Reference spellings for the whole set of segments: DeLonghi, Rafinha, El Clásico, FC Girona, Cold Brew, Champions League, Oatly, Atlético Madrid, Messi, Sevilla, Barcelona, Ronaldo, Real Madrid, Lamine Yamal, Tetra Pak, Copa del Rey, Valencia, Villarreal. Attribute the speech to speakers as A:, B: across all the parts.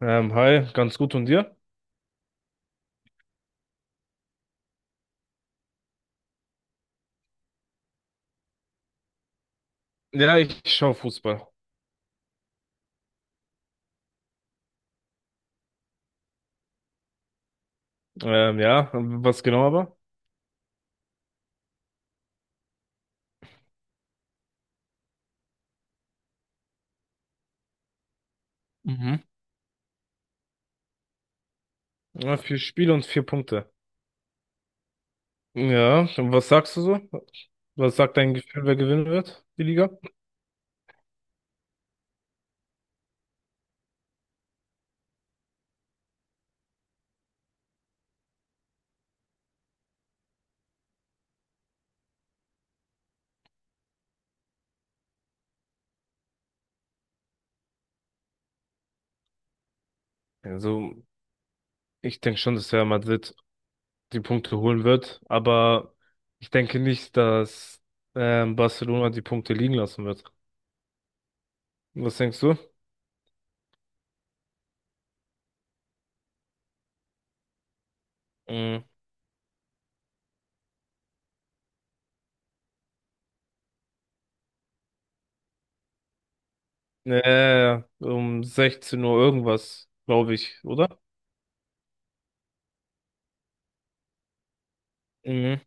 A: Hi, ganz gut und dir? Ja, ich schaue Fußball. Ja, was genau aber? Mhm. Ja, vier Spiele und vier Punkte. Ja, und was sagst du so? Was sagt dein Gefühl, wer gewinnen wird, die Liga? Also, ich denke schon, dass Real Madrid die Punkte holen wird, aber ich denke nicht, dass Barcelona die Punkte liegen lassen wird. Was denkst du? Mhm. Nee, um 16 Uhr irgendwas, glaube ich, oder? Mhm.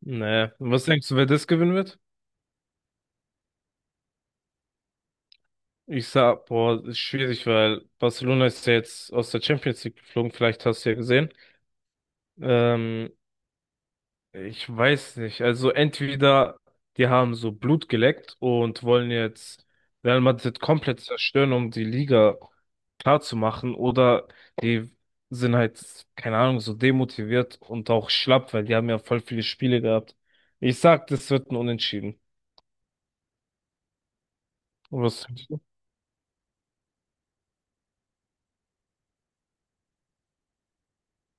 A: Nee. Und was denkst du, wer das gewinnen wird? Ich sag, boah, das ist schwierig, weil Barcelona ist ja jetzt aus der Champions League geflogen, vielleicht hast du ja gesehen. Ähm, Ich weiß nicht. Also entweder die haben so Blut geleckt und wollen jetzt Real Madrid komplett zerstören, um die Liga klar zu machen oder die sind halt, keine Ahnung, so demotiviert und auch schlapp, weil die haben ja voll viele Spiele gehabt. Ich sag, das wird ein Unentschieden. Und was denkst du?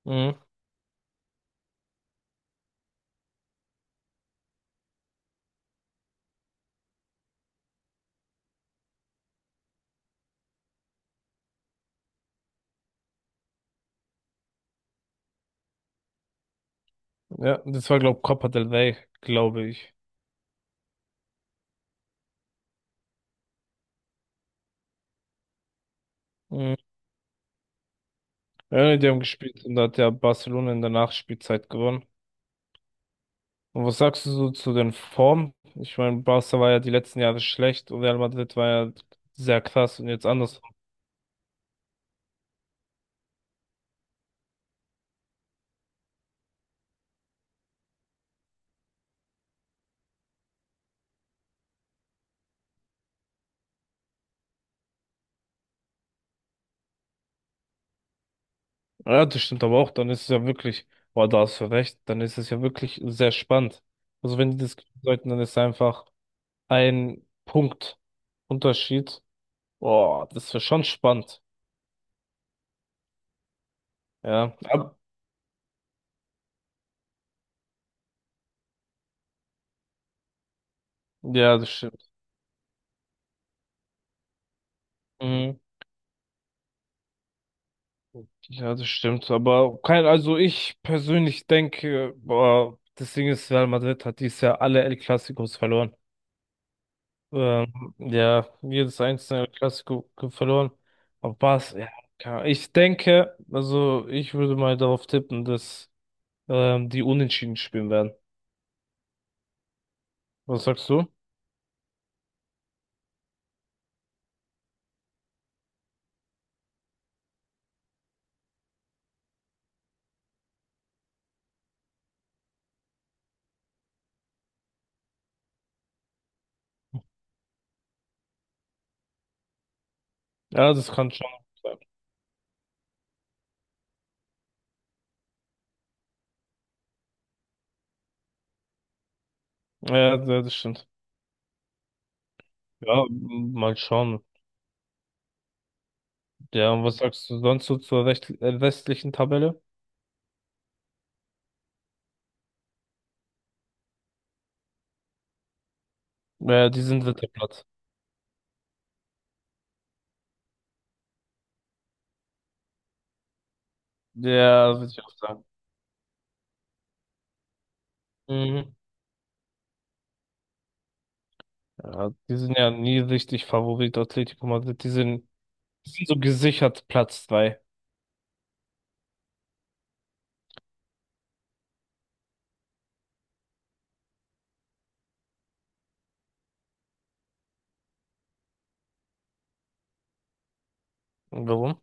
A: Mhm. Ja, das war, glaube ich, Copa del Rey, glaube ich. Mhm. Ja, die haben gespielt und da hat ja Barcelona in der Nachspielzeit gewonnen. Und was sagst du so zu den Formen? Ich meine, Barca war ja die letzten Jahre schlecht und Real Madrid war ja sehr krass und jetzt anders. Ja, das stimmt aber auch, dann ist es ja wirklich, boah, da hast du recht, dann ist es ja wirklich sehr spannend. Also wenn die das kriegen sollten, dann ist einfach ein Punkt Unterschied. Boah, das wäre schon spannend. Ja, ja, das stimmt. Mhm. Ja, das stimmt. Aber kein, also ich persönlich denke, boah, das Ding ist, Real Madrid hat dieses Jahr alle El Clasicos verloren. Ja, jedes einzelne Klassiko verloren. Aber ja, keine Ahnung. Ich denke, also ich würde mal darauf tippen, dass die Unentschieden spielen werden. Was sagst du? Ja, das kann schon sein. Ja, ja, das stimmt. Ja, mal schauen. Ja, und was sagst du sonst so zur recht, westlichen Tabelle? Ja, die sind dritter Platz. Ja, würde ich auch sagen. Mhm. Ja, die sind ja nie richtig Favorit Atletico Madrid. Die sind so gesichert Platz zwei. Und warum?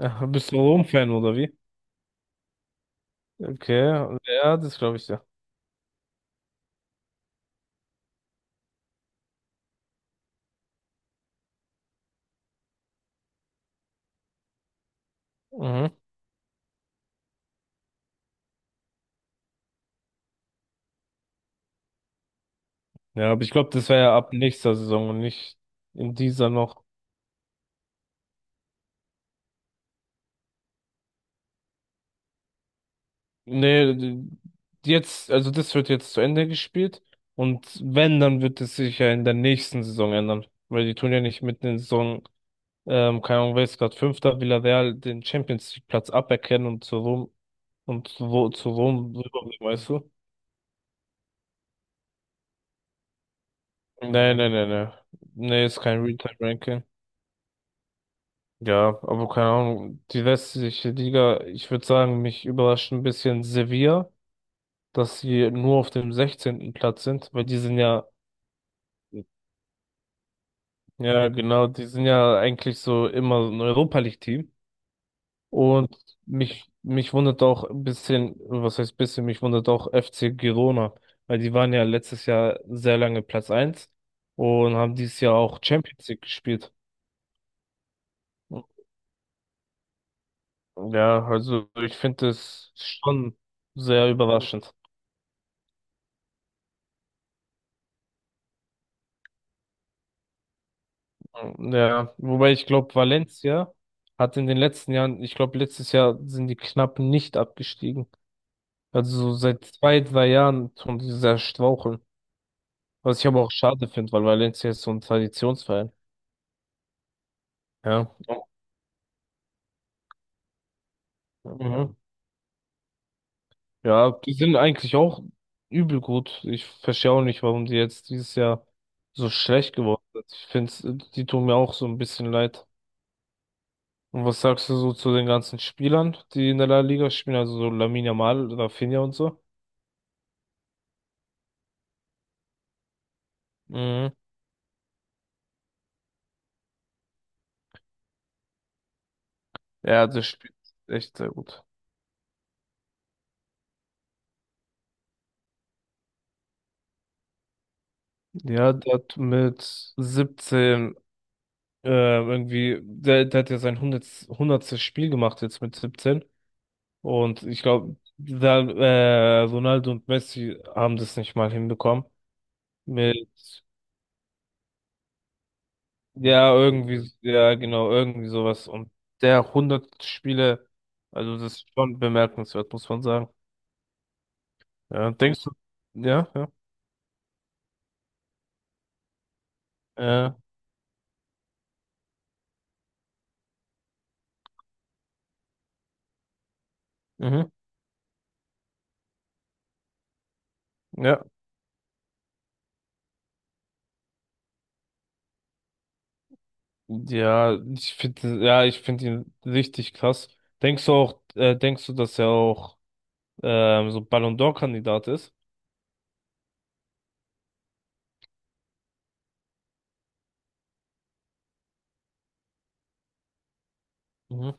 A: Ach, bist du Rom-Fan oder wie? Okay, ja, das glaube ich ja. Mhm. Ja, aber ich glaube, das wäre ja ab nächster Saison und nicht in dieser noch. Nee, jetzt, also das wird jetzt zu Ende gespielt und wenn, dann wird es sich ja in der nächsten Saison ändern, weil die tun ja nicht mitten in der Saison, keine Ahnung, wer ist gerade Fünfter, Villarreal den Champions League Platz aberkennen und zu Rom und zu Rom rüberbringen, weißt du? Nee, nee, nee, nee. Nee, ist kein Realtime-Ranking. Ja, aber keine Ahnung, die westliche Liga, ich würde sagen, mich überrascht ein bisschen Sevilla, dass sie nur auf dem 16. Platz sind, weil die sind ja, ja genau, die sind ja eigentlich so immer so ein Europa League-Team. Und mich wundert auch ein bisschen, was heißt bisschen, mich wundert auch FC Girona, weil die waren ja letztes Jahr sehr lange Platz eins und haben dieses Jahr auch Champions League gespielt. Ja, also ich finde es schon sehr überraschend. Ja, wobei ich glaube, Valencia hat in den letzten Jahren, ich glaube, letztes Jahr sind die knapp nicht abgestiegen. Also so seit zwei, drei Jahren tun die sehr straucheln. Was ich aber auch schade finde, weil Valencia ist so ein Traditionsverein. Ja. Mhm. Ja, die sind eigentlich auch übel gut. Ich verstehe auch nicht, warum die jetzt dieses Jahr so schlecht geworden sind. Ich finde, die tun mir auch so ein bisschen leid. Und was sagst du so zu den ganzen Spielern, die in der La Liga spielen, also so Lamine Yamal, Rafinha und so? Mhm. Ja, das spielt echt sehr gut. Ja, der hat mit 17 irgendwie, der hat ja sein 100. Spiel gemacht jetzt mit 17. Und ich glaube, da, Ronaldo und Messi haben das nicht mal hinbekommen. Mit, ja, irgendwie, ja, genau, irgendwie sowas. Und der 100 Spiele, also das ist schon bemerkenswert, muss man sagen. Ja, denkst du, ja, ja, äh, mhm, ja. Ja, ich finde ihn richtig krass. Denkst du, dass er auch so Ballon d'Or-Kandidat ist? Mhm.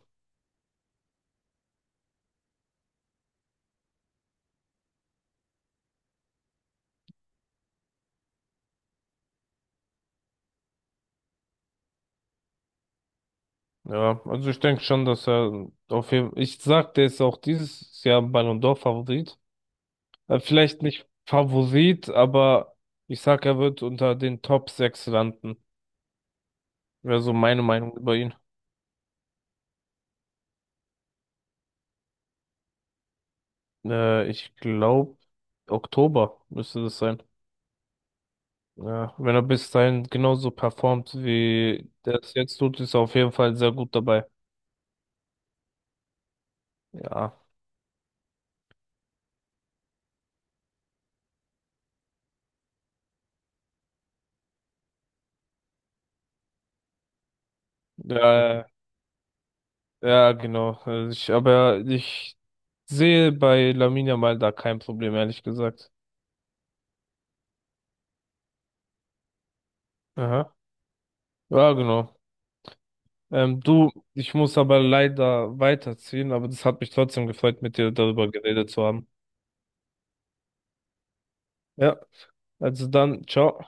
A: Ja, also ich denke schon, dass er auf jeden Fall, ich sag, der ist auch dieses Jahr Ballon d'Or-Favorit. Vielleicht nicht Favorit, aber ich sag, er wird unter den Top 6 landen. Wäre so meine Meinung über ihn. Ich glaube, Oktober müsste das sein. Ja, wenn er bis dahin genauso performt, wie der es jetzt tut, ist er auf jeden Fall sehr gut dabei. Ja, ja, ja, genau. Aber ich sehe bei Lamine Yamal da kein Problem, ehrlich gesagt. Aha. Ja, genau. Du, ich muss aber leider weiterziehen, aber das hat mich trotzdem gefreut, mit dir darüber geredet zu haben. Ja, also dann, ciao.